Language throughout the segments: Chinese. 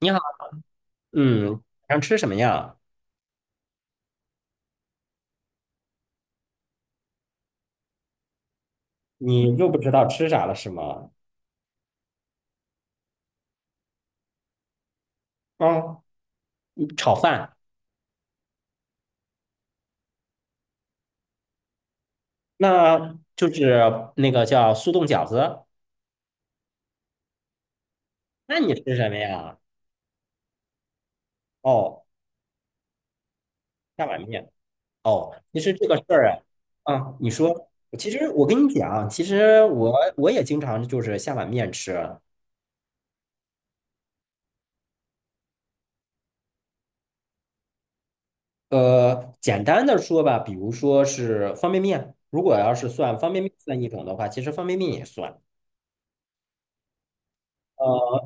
你好，嗯，晚上吃什么呀？你又不知道吃啥了是吗？嗯，炒饭，那就是那个叫速冻饺子。那你吃什么呀？哦，下碗面。哦，其实这个事儿啊，啊，你说，其实我跟你讲，其实我也经常就是下碗面吃。简单的说吧，比如说是方便面，如果要是算方便面算一种的话，其实方便面也算。呃。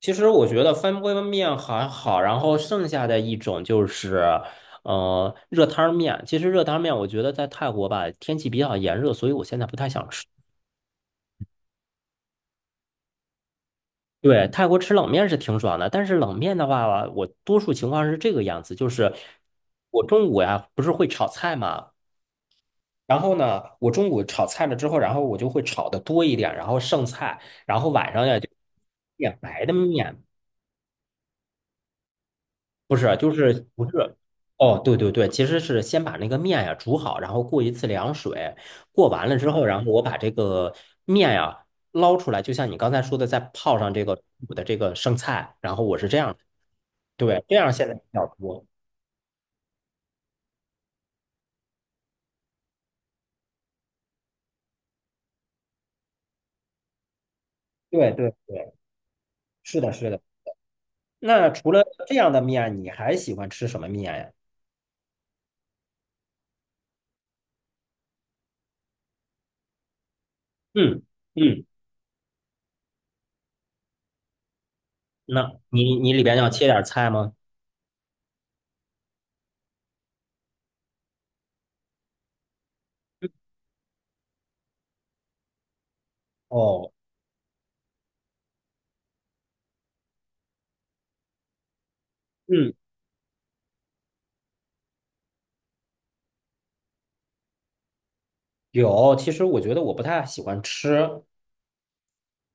其实我觉得翻锅面还好，然后剩下的一种就是，热汤面。其实热汤面，我觉得在泰国吧，天气比较炎热，所以我现在不太想吃。对，泰国吃冷面是挺爽的，但是冷面的话，我多数情况是这个样子，就是我中午呀，不是会炒菜嘛，然后呢，我中午炒菜了之后，然后我就会炒的多一点，然后剩菜，然后晚上呀就点白的面，不是，就是不是。哦，对对对，其实是先把那个面呀煮好，然后过一次凉水，过完了之后，然后我把这个面呀捞出来，就像你刚才说的，再泡上这个煮的这个剩菜，然后我是这样的，对，这样现在比较多。对对对，是的，是的。那除了这样的面，你还喜欢吃什么面呀？嗯嗯，那你里边要切点菜吗？哦，嗯，有。其实我觉得我不太喜欢吃，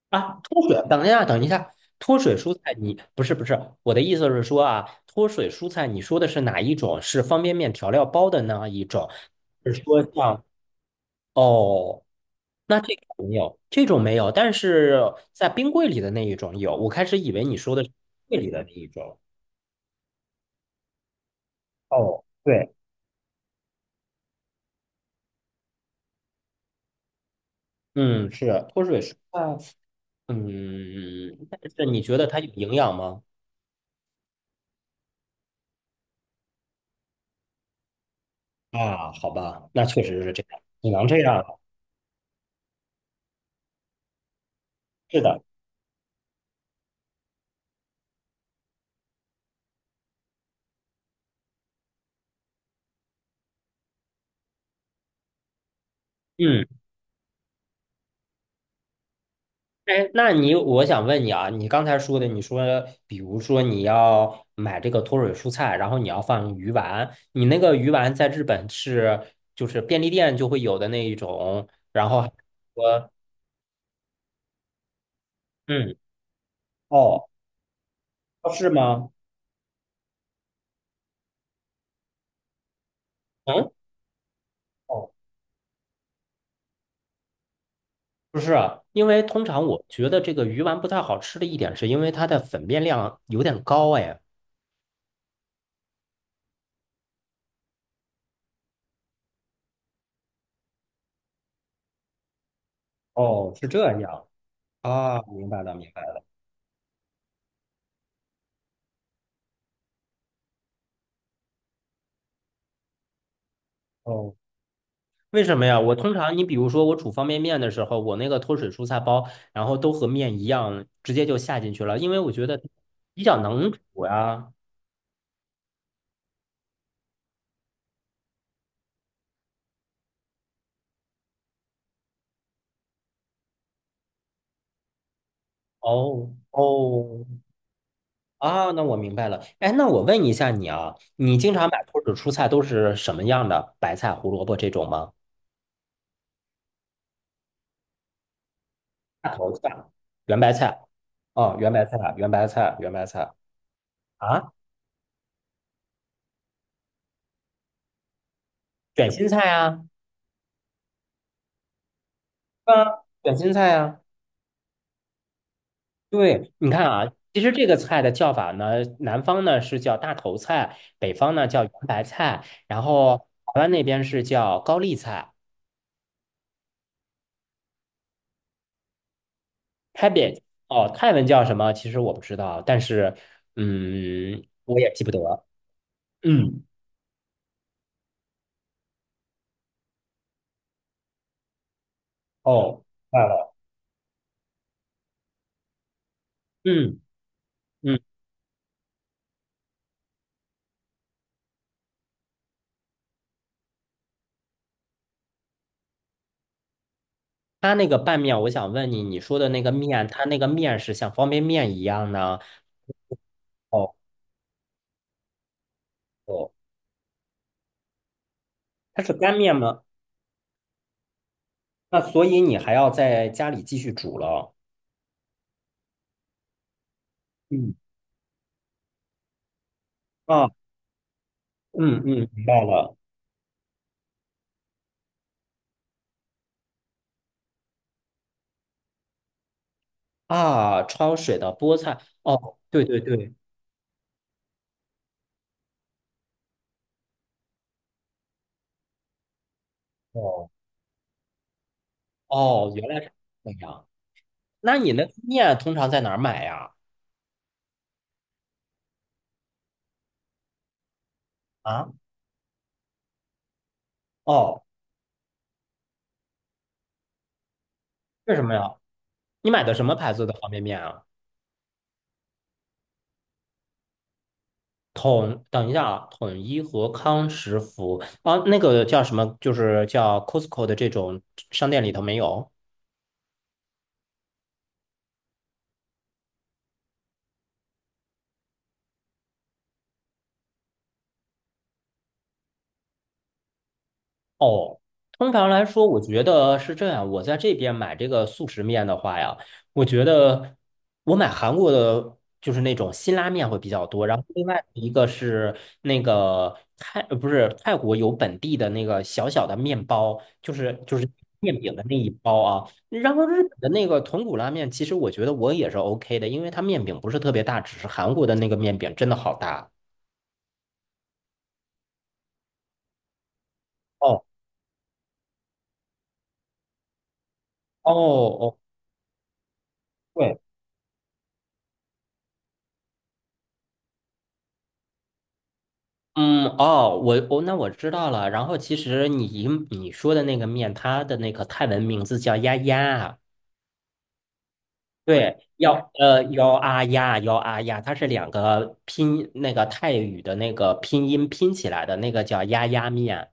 啊，脱水，等一下，等一下，脱水蔬菜你，不是不是，我的意思是说啊，脱水蔬菜，你说的是哪一种？是方便面调料包的那一种？是说像哦，那这个没有，这种没有，但是在冰柜里的那一种有。我开始以为你说的是柜里的那一种。哦，对，嗯，是脱水蔬菜，嗯，但是你觉得它有营养吗？啊，好吧，那确实是这样，只能这样了。是的。嗯。哎，那你我想问你啊，你刚才说的，你说比如说你要买这个脱水蔬菜，然后你要放鱼丸，你那个鱼丸在日本是就是便利店就会有的那一种，然后还说嗯哦是吗？嗯哦不是啊因为通常我觉得这个鱼丸不太好吃的一点是因为它的粉面量有点高哎。哦，是这样。啊，明白了，明白了。哦，为什么呀？我通常，你比如说我煮方便面的时候，我那个脱水蔬菜包，然后都和面一样，直接就下进去了，因为我觉得比较能煮呀。哦哦啊，那我明白了。哎，那我问一下你啊，你经常买脱水蔬菜都是什么样的？白菜、胡萝卜这种吗？大头菜、圆白菜。哦，圆白菜、圆白菜、圆白菜啊，卷心菜啊，啊，卷心菜啊。对，你看啊，其实这个菜的叫法呢，南方呢是叫大头菜，北方呢叫圆白菜，然后台湾那边是叫高丽菜，台北哦，泰文叫什么？其实我不知道，但是嗯，我也记不得。嗯，哦，坏了。嗯嗯，它那个拌面，我想问你，你说的那个面，它那个面是像方便面一样呢？哦哦，它是干面吗？那所以你还要在家里继续煮了。嗯。啊。嗯嗯，明白了啊，焯水的菠菜，哦，对对对，哦哦，原来是这样。那你那个面通常在哪儿买呀？啊，哦，为什么呀？你买的什么牌子的方便面啊？统，等一下啊，统一和康师傅啊，那个叫什么？就是叫 Costco 的这种商店里头没有。哦，通常来说，我觉得是这样。我在这边买这个速食面的话呀，我觉得我买韩国的，就是那种辛拉面会比较多。然后另外一个是那个泰，不是泰国有本地的那个小小的面包，就是面饼的那一包啊。然后日本的那个豚骨拉面，其实我觉得我也是 OK 的，因为它面饼不是特别大，只是韩国的那个面饼真的好大。哦哦哦，对。嗯，哦，那我知道了。然后其实你说的那个面，它的那个泰文名字叫丫丫，对，幺啊呀幺啊呀，它是两个拼那个泰语的那个拼音拼起来的那个叫丫丫面。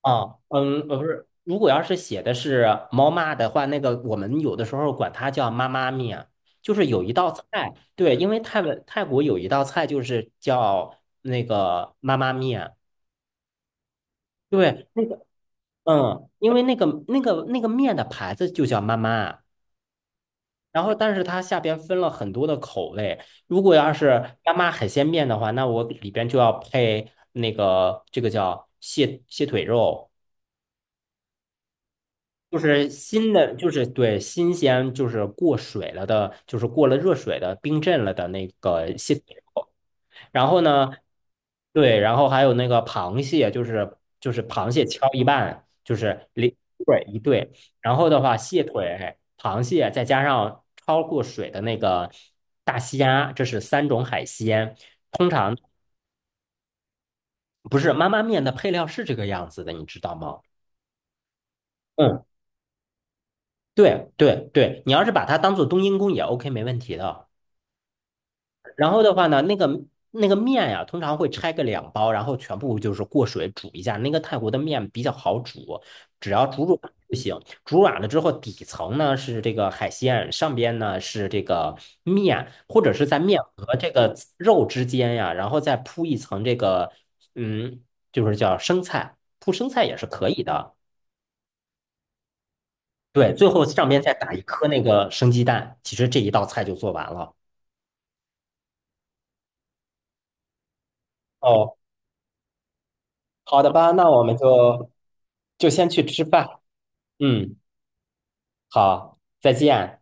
啊，嗯，不是，如果要是写的是猫妈的话，那个我们有的时候管它叫妈妈面，就是有一道菜，对，因为泰文泰国有一道菜就是叫那个妈妈面。对，那个。嗯，因为那个面的牌子就叫妈妈，然后但是它下边分了很多的口味。如果要是妈妈海鲜面的话，那我里边就要配那个这个叫蟹腿肉，就是新的，就是对新鲜，就是过水了的，就是过了热水的冰镇了的那个蟹腿然后呢，对，然后还有那个螃蟹，就是螃蟹敲一半，就是两对一对，然后的话，蟹腿、螃蟹再加上焯过水的那个大虾，这是三种海鲜。通常不是妈妈面的配料是这个样子的，你知道吗？嗯，对对对，你要是把它当做冬阴功也 OK，没问题的。然后的话呢，那个面呀、通常会拆个两包，然后全部就是过水煮一下。那个泰国的面比较好煮，只要煮软就行。煮软了之后，底层呢是这个海鲜，上边呢是这个面，或者是在面和这个肉之间呀，然后再铺一层这个，嗯，就是叫生菜，铺生菜也是可以的。对，最后上边再打一颗那个生鸡蛋，其实这一道菜就做完了。哦，好的吧，那我们就先去吃饭。嗯，好，再见。